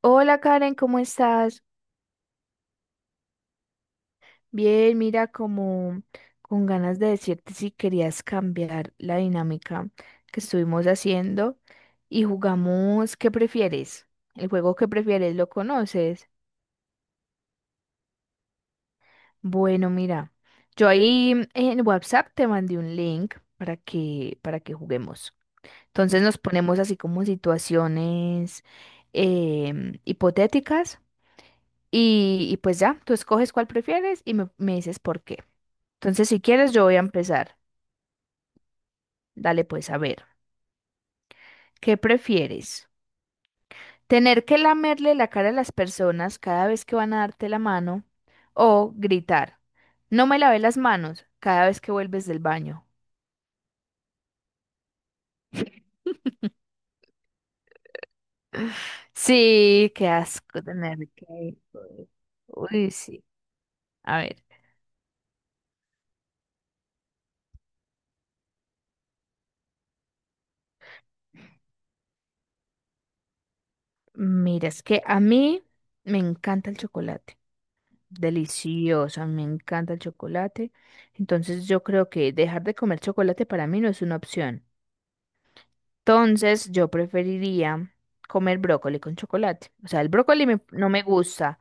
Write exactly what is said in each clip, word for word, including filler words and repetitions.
Hola Karen, ¿cómo estás? Bien, mira, como con ganas de decirte si querías cambiar la dinámica que estuvimos haciendo y jugamos ¿qué prefieres? El juego ¿qué prefieres? ¿Lo conoces? Bueno, mira, yo ahí en WhatsApp te mandé un link para que para que juguemos. Entonces nos ponemos así como situaciones em, hipotéticas y, y pues ya, tú escoges cuál prefieres y me me dices por qué. Entonces, si quieres, yo voy a empezar. Dale, pues, a ver. ¿Qué prefieres? ¿Tener que lamerle la cara a las personas cada vez que van a darte la mano? ¿O gritar? No me lavé las manos cada vez que vuelves del baño. Sí, qué asco tener que... Uy, sí. A ver. Mira, es que a mí me encanta el chocolate. Delicioso, me encanta el chocolate. Entonces yo creo que dejar de comer chocolate para mí no es una opción. Entonces, yo preferiría comer brócoli con chocolate. O sea, el brócoli me- no me gusta,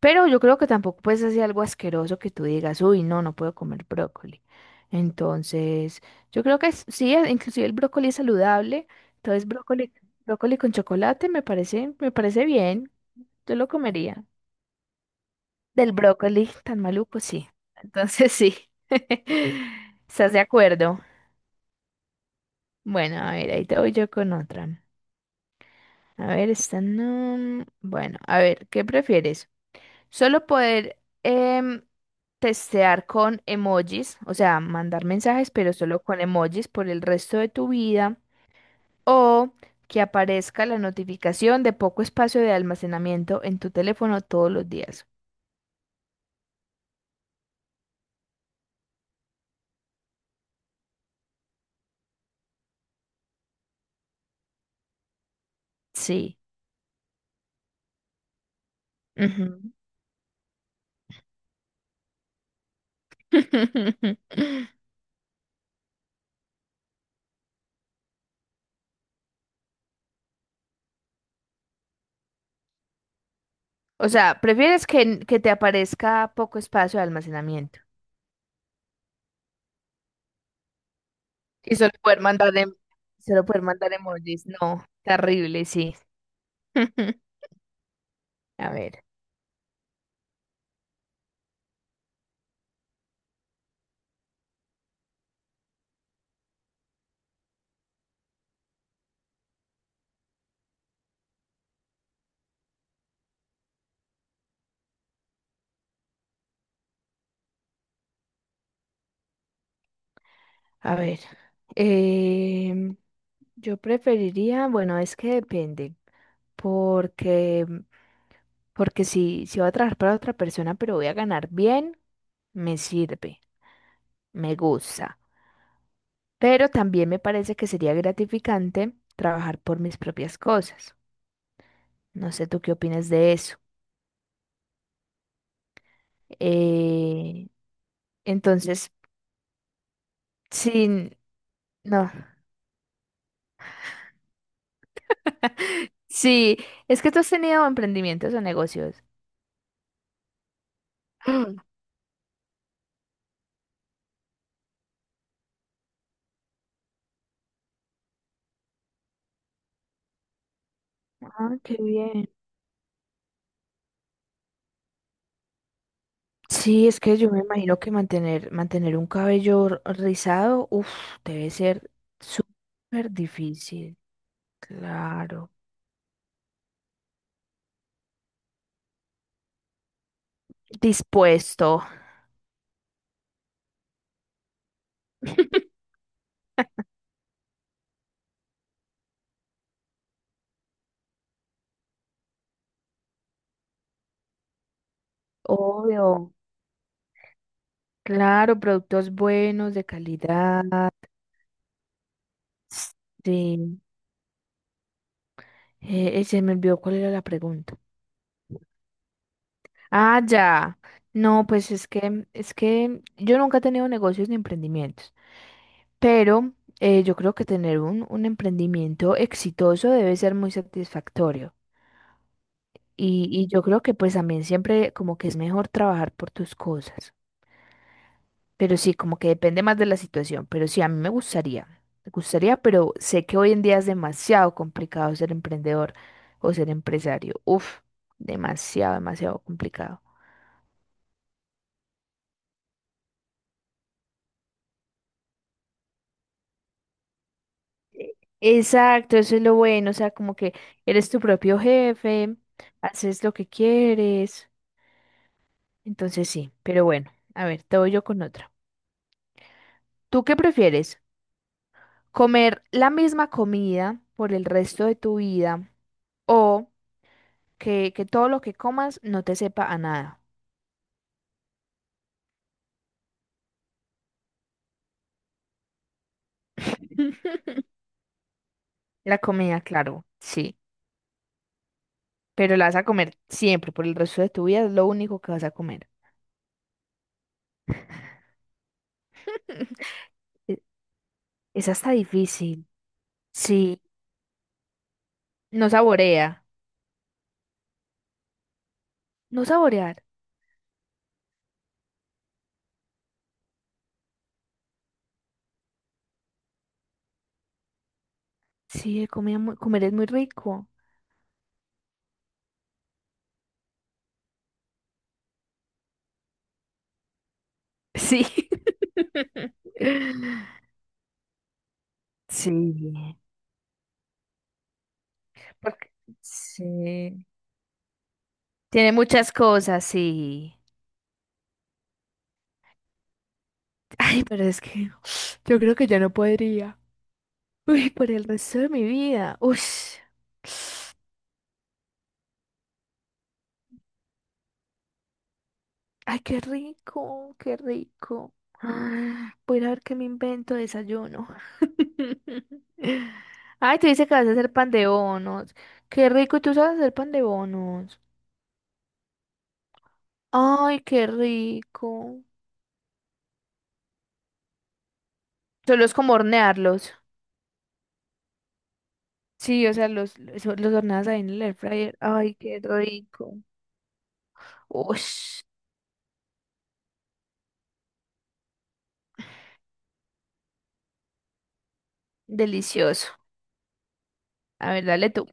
pero yo creo que tampoco puedes hacer algo asqueroso que tú digas, uy, no, no puedo comer brócoli. Entonces, yo creo que es- sí, eh, inclusive el brócoli es saludable. Entonces, brócoli, brócoli con chocolate me parece, me parece bien. Yo lo comería. Del brócoli tan maluco, sí. Entonces, sí. ¿Estás de acuerdo? Bueno, a ver, ahí te voy yo con otra. A ver, esta no. Bueno, a ver, ¿qué prefieres? ¿Solo poder em, testear con emojis, o sea, mandar mensajes, pero solo con emojis por el resto de tu vida? ¿O que aparezca la notificación de poco espacio de almacenamiento en tu teléfono todos los días? Sí. Ujú. O sea, ¿prefieres que, que te aparezca poco espacio de almacenamiento? Y solo poder mandar, em- solo poder mandar emojis. No, terrible, sí. A ver, a ver. em, yo preferiría, bueno, es que depende, porque, porque si, si voy a trabajar para otra persona, pero voy a ganar bien, me sirve, me gusta. Pero también me parece que sería gratificante trabajar por mis propias cosas. No sé tú qué opinas de eso. Eh, entonces, sin, no. Sí, es que tú has tenido emprendimientos o negocios. Ah, qué bien. Sí, es que yo me imagino que mantener, mantener un cabello r- rizado, uff, debe ser súper difícil. Claro. Dispuesto. Obvio. Claro, productos buenos, de calidad. Sí. Eh, eh, se me olvidó cuál era la pregunta. Ah, ya. No, pues es que, es que yo nunca he tenido negocios ni emprendimientos. Pero eh, yo creo que tener un, un emprendimiento exitoso debe ser muy satisfactorio. Y, y yo creo que pues también siempre como que es mejor trabajar por tus cosas. Pero sí, como que depende más de la situación. Pero sí, a mí me gustaría. Me gustaría, pero sé que hoy en día es demasiado complicado ser emprendedor o ser empresario. Uf, demasiado, demasiado complicado. E- Exacto, eso es lo bueno. O sea, como que eres tu propio jefe, haces lo que quieres. Entonces sí, pero bueno, a ver, te voy yo con otra. ¿Tú qué prefieres? ¿Comer la misma comida por el resto de tu vida o que, que todo lo que comas no te sepa a nada? La comida, claro, sí, pero la vas a comer siempre por el resto de tu vida, es lo único que vas a comer. E- Esa está difícil, sí, no saborea, no saborear, sí, de comida muy- comer es muy rico, sí. Sí. Porque, sí. Tiene muchas cosas sí. Ay, pero es que yo creo que ya no podría. Uy, por el resto de mi vida. Uy. Ay, qué rico, qué rico. Ah, voy a ir a ver qué me invento de desayuno. Ay, tú dices que vas a hacer pan de bonos. Qué rico, ¿y tú sabes hacer pan de bonos? Ay, qué rico. Solo es como hornearlos. Sí, o sea, los, eso- los horneas ahí en el air fryer. Ay, qué rico. Uy. Delicioso. A ver, dale tú.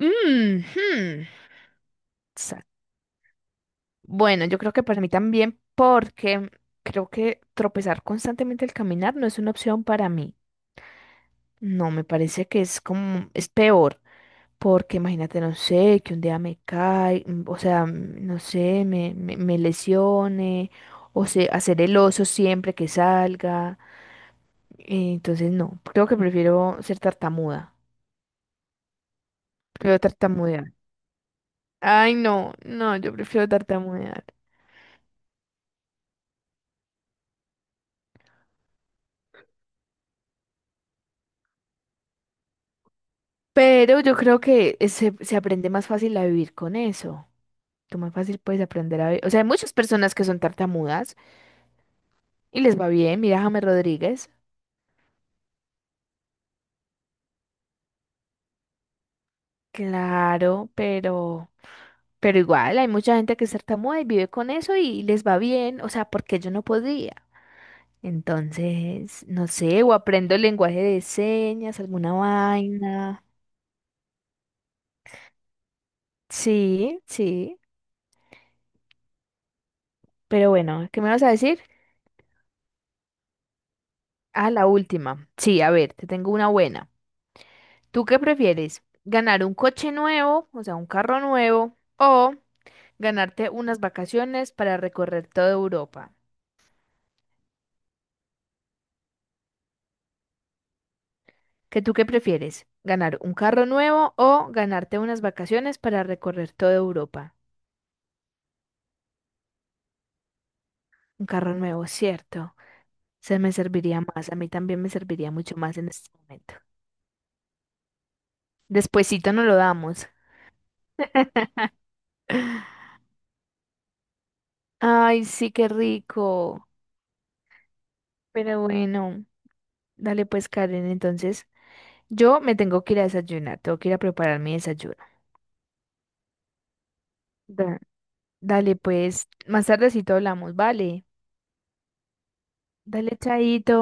Mm, hmm, sa- bueno, yo creo que para mí también, porque creo que tropezar constantemente al caminar no es una opción para mí. No, me parece que es como, es peor, porque imagínate, no sé, que un día me cae, mm, o sea, mm, no sé, me, me, me lesione, o sea, hacer el oso siempre que salga. eh, Entonces, no, creo que prefiero ser tartamuda. Prefiero tartamudear. Ay, no, no, yo prefiero tartamudear. Pero yo creo que se, se aprende más fácil a vivir con eso. Tú más fácil puedes aprender a vivir. O sea, hay muchas personas que son tartamudas y les va bien. Mira a James Rodríguez. Claro, pero, pero igual hay mucha gente que es tartamuda y vive con eso y les va bien. O sea, porque yo no podría. Entonces, no sé, o aprendo el lenguaje de señas, alguna vaina. Sí, sí. Pero bueno, ¿qué me vas a decir? Ah, la última. Sí, a ver, te tengo una buena. ¿Tú qué prefieres? ¿Ganar un coche nuevo, o sea, un carro nuevo, o ganarte unas vacaciones para recorrer toda Europa? ¿Qué tú qué prefieres? ¿Ganar un carro nuevo o ganarte unas vacaciones para recorrer toda Europa? Un carro nuevo, cierto. Se me serviría más, a mí también me serviría mucho más en este momento. Despuesito nos lo damos. Ay, sí, qué rico. Pero bueno, dale pues, Karen, entonces. Yo me tengo que ir a desayunar, tengo que ir a preparar mi desayuno. Da- Dale, pues, más tardecito hablamos, vale. Dale, chaito.